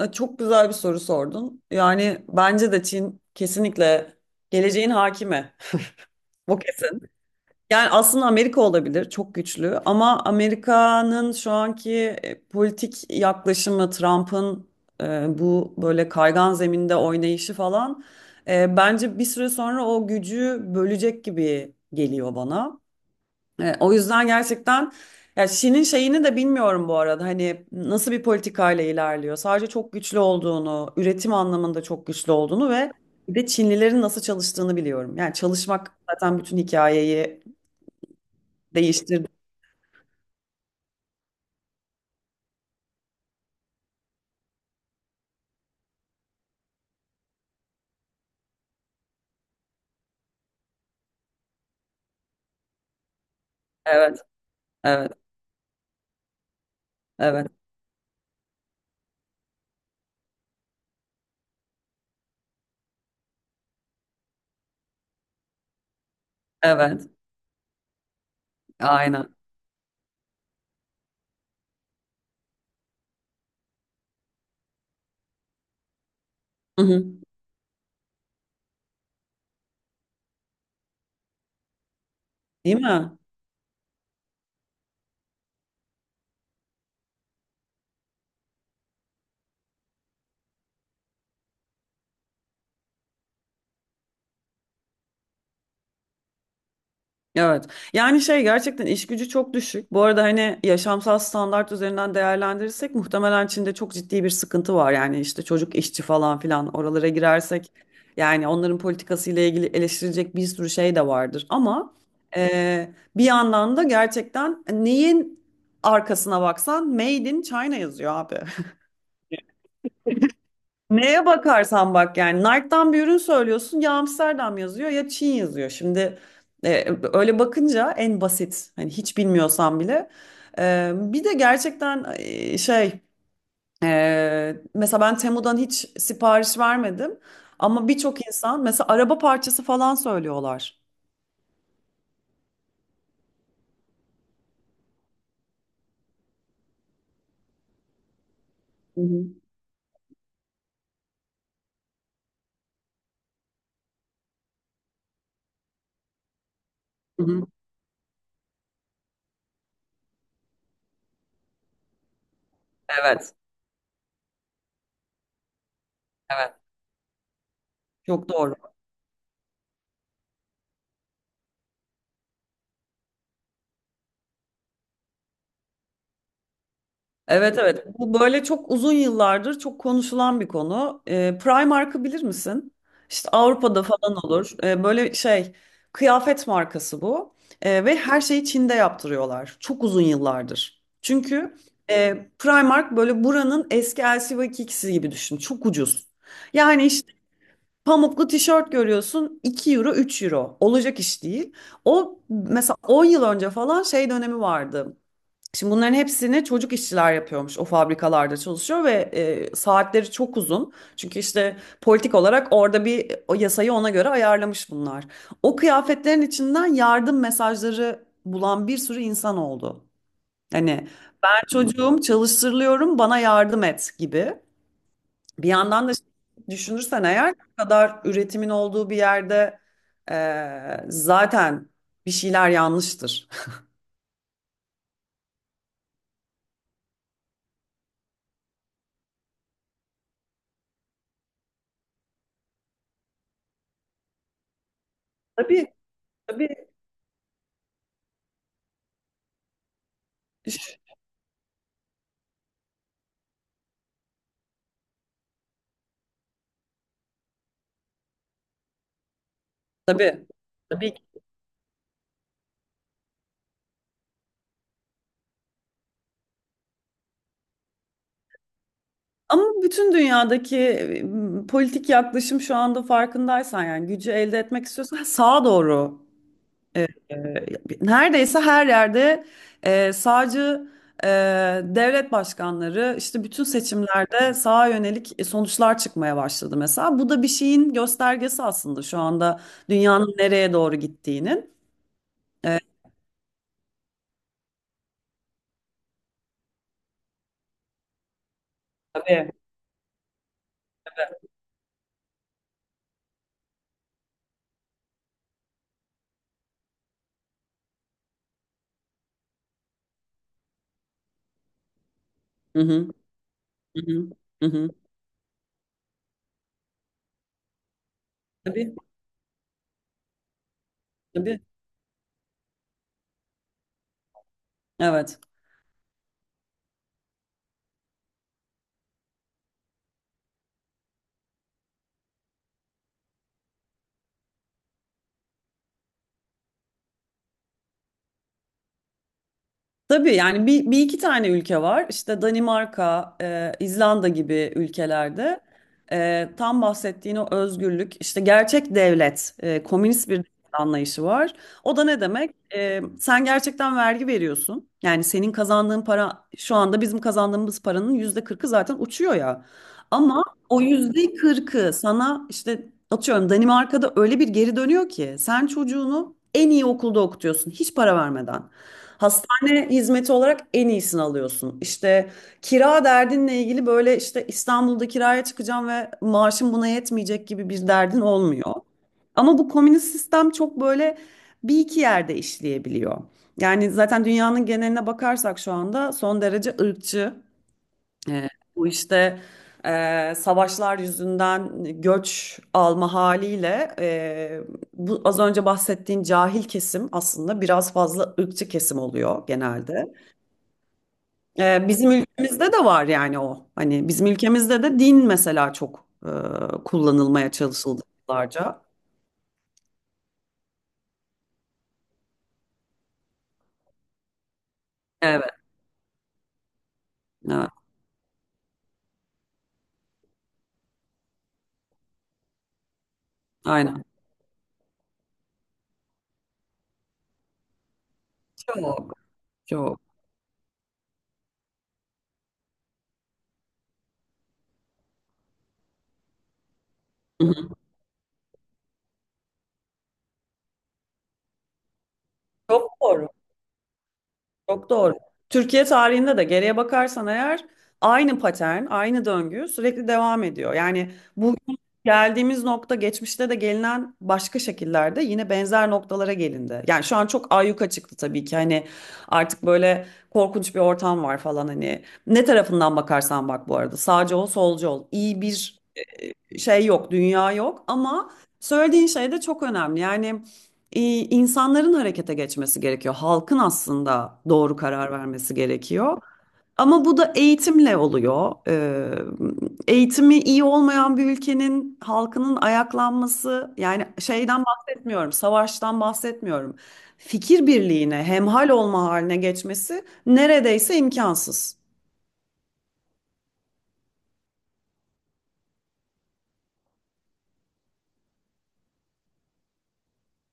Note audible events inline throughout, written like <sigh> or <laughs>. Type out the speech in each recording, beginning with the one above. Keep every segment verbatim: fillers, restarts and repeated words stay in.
E, Çok güzel bir soru sordun. Yani bence de Çin kesinlikle geleceğin hakimi. <laughs> Bu kesin. Yani aslında Amerika olabilir, çok güçlü. Ama Amerika'nın şu anki e, politik yaklaşımı, Trump'ın e, bu böyle kaygan zeminde oynayışı falan, e, bence bir süre sonra o gücü bölecek gibi geliyor bana. E, o yüzden gerçekten ya Şi'nin şeyini de bilmiyorum bu arada. Hani nasıl bir politikayla ilerliyor. Sadece çok güçlü olduğunu, üretim anlamında çok güçlü olduğunu ve bir de Çinlilerin nasıl çalıştığını biliyorum. Yani çalışmak zaten bütün hikayeyi değiştirdi. Evet, evet, evet, evet. Aynen. Hı hı. Değil mi? Evet. Yani şey gerçekten iş gücü çok düşük. Bu arada hani yaşamsal standart üzerinden değerlendirirsek muhtemelen Çin'de çok ciddi bir sıkıntı var. Yani işte çocuk işçi falan filan oralara girersek yani onların politikasıyla ilgili eleştirilecek bir sürü şey de vardır. Ama e, bir yandan da gerçekten neyin arkasına baksan Made in China yazıyor abi. Neye bakarsan bak yani Nike'dan bir ürün söylüyorsun ya Amsterdam yazıyor ya Çin yazıyor. Şimdi e, öyle bakınca en basit hani hiç bilmiyorsan bile. E, bir de gerçekten e, şey e, mesela ben Temu'dan hiç sipariş vermedim ama birçok insan mesela araba parçası falan söylüyorlar. Hı hı. Hı hı. Evet, evet. Çok doğru. Evet evet. Bu böyle çok uzun yıllardır çok konuşulan bir konu. Ee, Primark'ı bilir misin? İşte Avrupa'da falan olur. Ee, böyle şey kıyafet markası bu. Ee, ve her şeyi Çin'de yaptırıyorlar. Çok uzun yıllardır. Çünkü e, Primark böyle buranın eski L C gibi düşün. Çok ucuz. Yani işte pamuklu tişört görüyorsun iki euro üç euro. Olacak iş değil. O mesela on yıl önce falan şey dönemi vardı. Şimdi bunların hepsini çocuk işçiler yapıyormuş. O fabrikalarda çalışıyor ve e, saatleri çok uzun. Çünkü işte politik olarak orada bir o yasayı ona göre ayarlamış bunlar. O kıyafetlerin içinden yardım mesajları bulan bir sürü insan oldu. Hani ben çocuğum çalıştırılıyorum bana yardım et gibi. Bir yandan da düşünürsen eğer bu kadar üretimin olduğu bir yerde e, zaten bir şeyler yanlıştır. Tabii tabii. Tabii. Tabii. Ama bütün dünyadaki e, politik yaklaşım şu anda farkındaysan yani gücü elde etmek istiyorsan sağa doğru e, neredeyse her yerde e, sağcı e, devlet başkanları işte bütün seçimlerde sağa yönelik e, sonuçlar çıkmaya başladı mesela. Bu da bir şeyin göstergesi aslında şu anda dünyanın nereye doğru gittiğinin. E, tabii. Hı hı, hı hı, hı hı. Tabii, tabii. Evet. Tabii yani bir, bir iki tane ülke var. İşte Danimarka, e, İzlanda gibi ülkelerde e, tam bahsettiğin o özgürlük, işte gerçek devlet, e, komünist bir devlet anlayışı var. O da ne demek? E, sen gerçekten vergi veriyorsun. Yani senin kazandığın para şu anda bizim kazandığımız paranın yüzde kırkı zaten uçuyor ya. Ama o yüzde kırkı sana işte atıyorum Danimarka'da öyle bir geri dönüyor ki sen çocuğunu en iyi okulda okutuyorsun hiç para vermeden. Hastane hizmeti olarak en iyisini alıyorsun. İşte kira derdinle ilgili böyle işte İstanbul'da kiraya çıkacağım ve maaşım buna yetmeyecek gibi bir derdin olmuyor. Ama bu komünist sistem çok böyle bir iki yerde işleyebiliyor. Yani zaten dünyanın geneline bakarsak şu anda son derece ırkçı. E, bu işte e, savaşlar yüzünden göç alma haliyle e, bu az önce bahsettiğin cahil kesim aslında biraz fazla ırkçı kesim oluyor genelde. E, bizim ülkemizde de var yani o. Hani bizim ülkemizde de din mesela çok e, kullanılmaya çalışıldı yıllarca. Evet, evet, aynen. Çok, çok. Hı hı. Çok doğru. Çok doğru. Türkiye tarihinde de geriye bakarsan eğer aynı patern, aynı döngü sürekli devam ediyor. Yani bugün geldiğimiz nokta geçmişte de gelinen başka şekillerde yine benzer noktalara gelindi. Yani şu an çok ayyuka çıktı tabii ki hani artık böyle korkunç bir ortam var falan hani ne tarafından bakarsan bak bu arada sağcı ol solcu ol iyi bir e, şey yok dünya yok ama söylediğin şey de çok önemli. Yani e, insanların harekete geçmesi gerekiyor. Halkın aslında doğru karar vermesi gerekiyor. Ama bu da eğitimle oluyor. Ee, eğitimi iyi olmayan bir ülkenin halkının ayaklanması, yani şeyden bahsetmiyorum, savaştan bahsetmiyorum. Fikir birliğine, hemhal olma haline geçmesi neredeyse imkansız.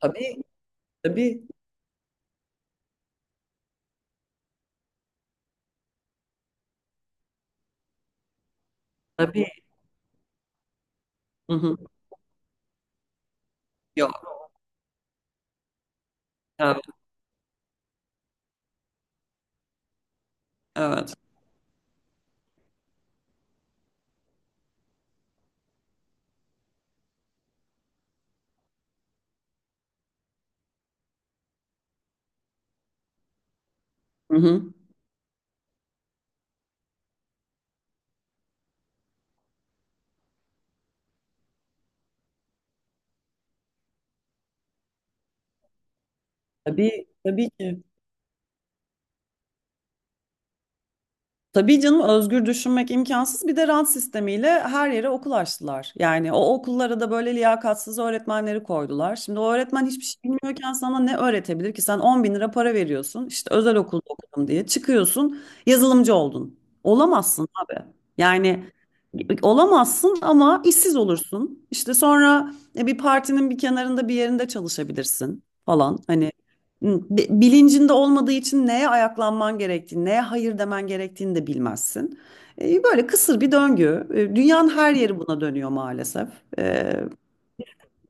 Tabii, tabii, tabii. Hı hı. Yok, evet, evet. Hı hı. Tabii, tabii ki. Tabii canım özgür düşünmek imkansız. Bir de rant sistemiyle her yere okul açtılar. Yani o okullara da böyle liyakatsız öğretmenleri koydular. Şimdi o öğretmen hiçbir şey bilmiyorken sana ne öğretebilir ki? Sen on bin lira para veriyorsun. İşte özel okulda okudum diye çıkıyorsun yazılımcı oldun. Olamazsın abi. Yani olamazsın ama işsiz olursun. İşte sonra e, bir partinin bir kenarında bir yerinde çalışabilirsin falan. Hani bi- bilincinde olmadığı için neye ayaklanman gerektiğini, neye hayır demen gerektiğini de bilmezsin. E, Böyle kısır bir döngü. E, Dünyanın her yeri buna dönüyor maalesef. E,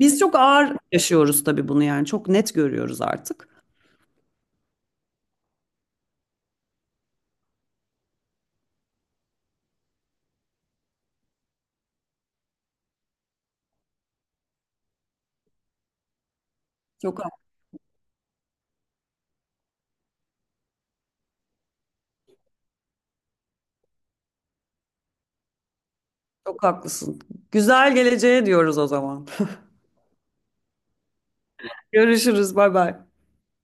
Biz çok ağır yaşıyoruz tabii bunu yani çok net görüyoruz artık. Çok, ha- çok haklısın. Güzel geleceğe diyoruz o zaman. <laughs> Görüşürüz, bay bay.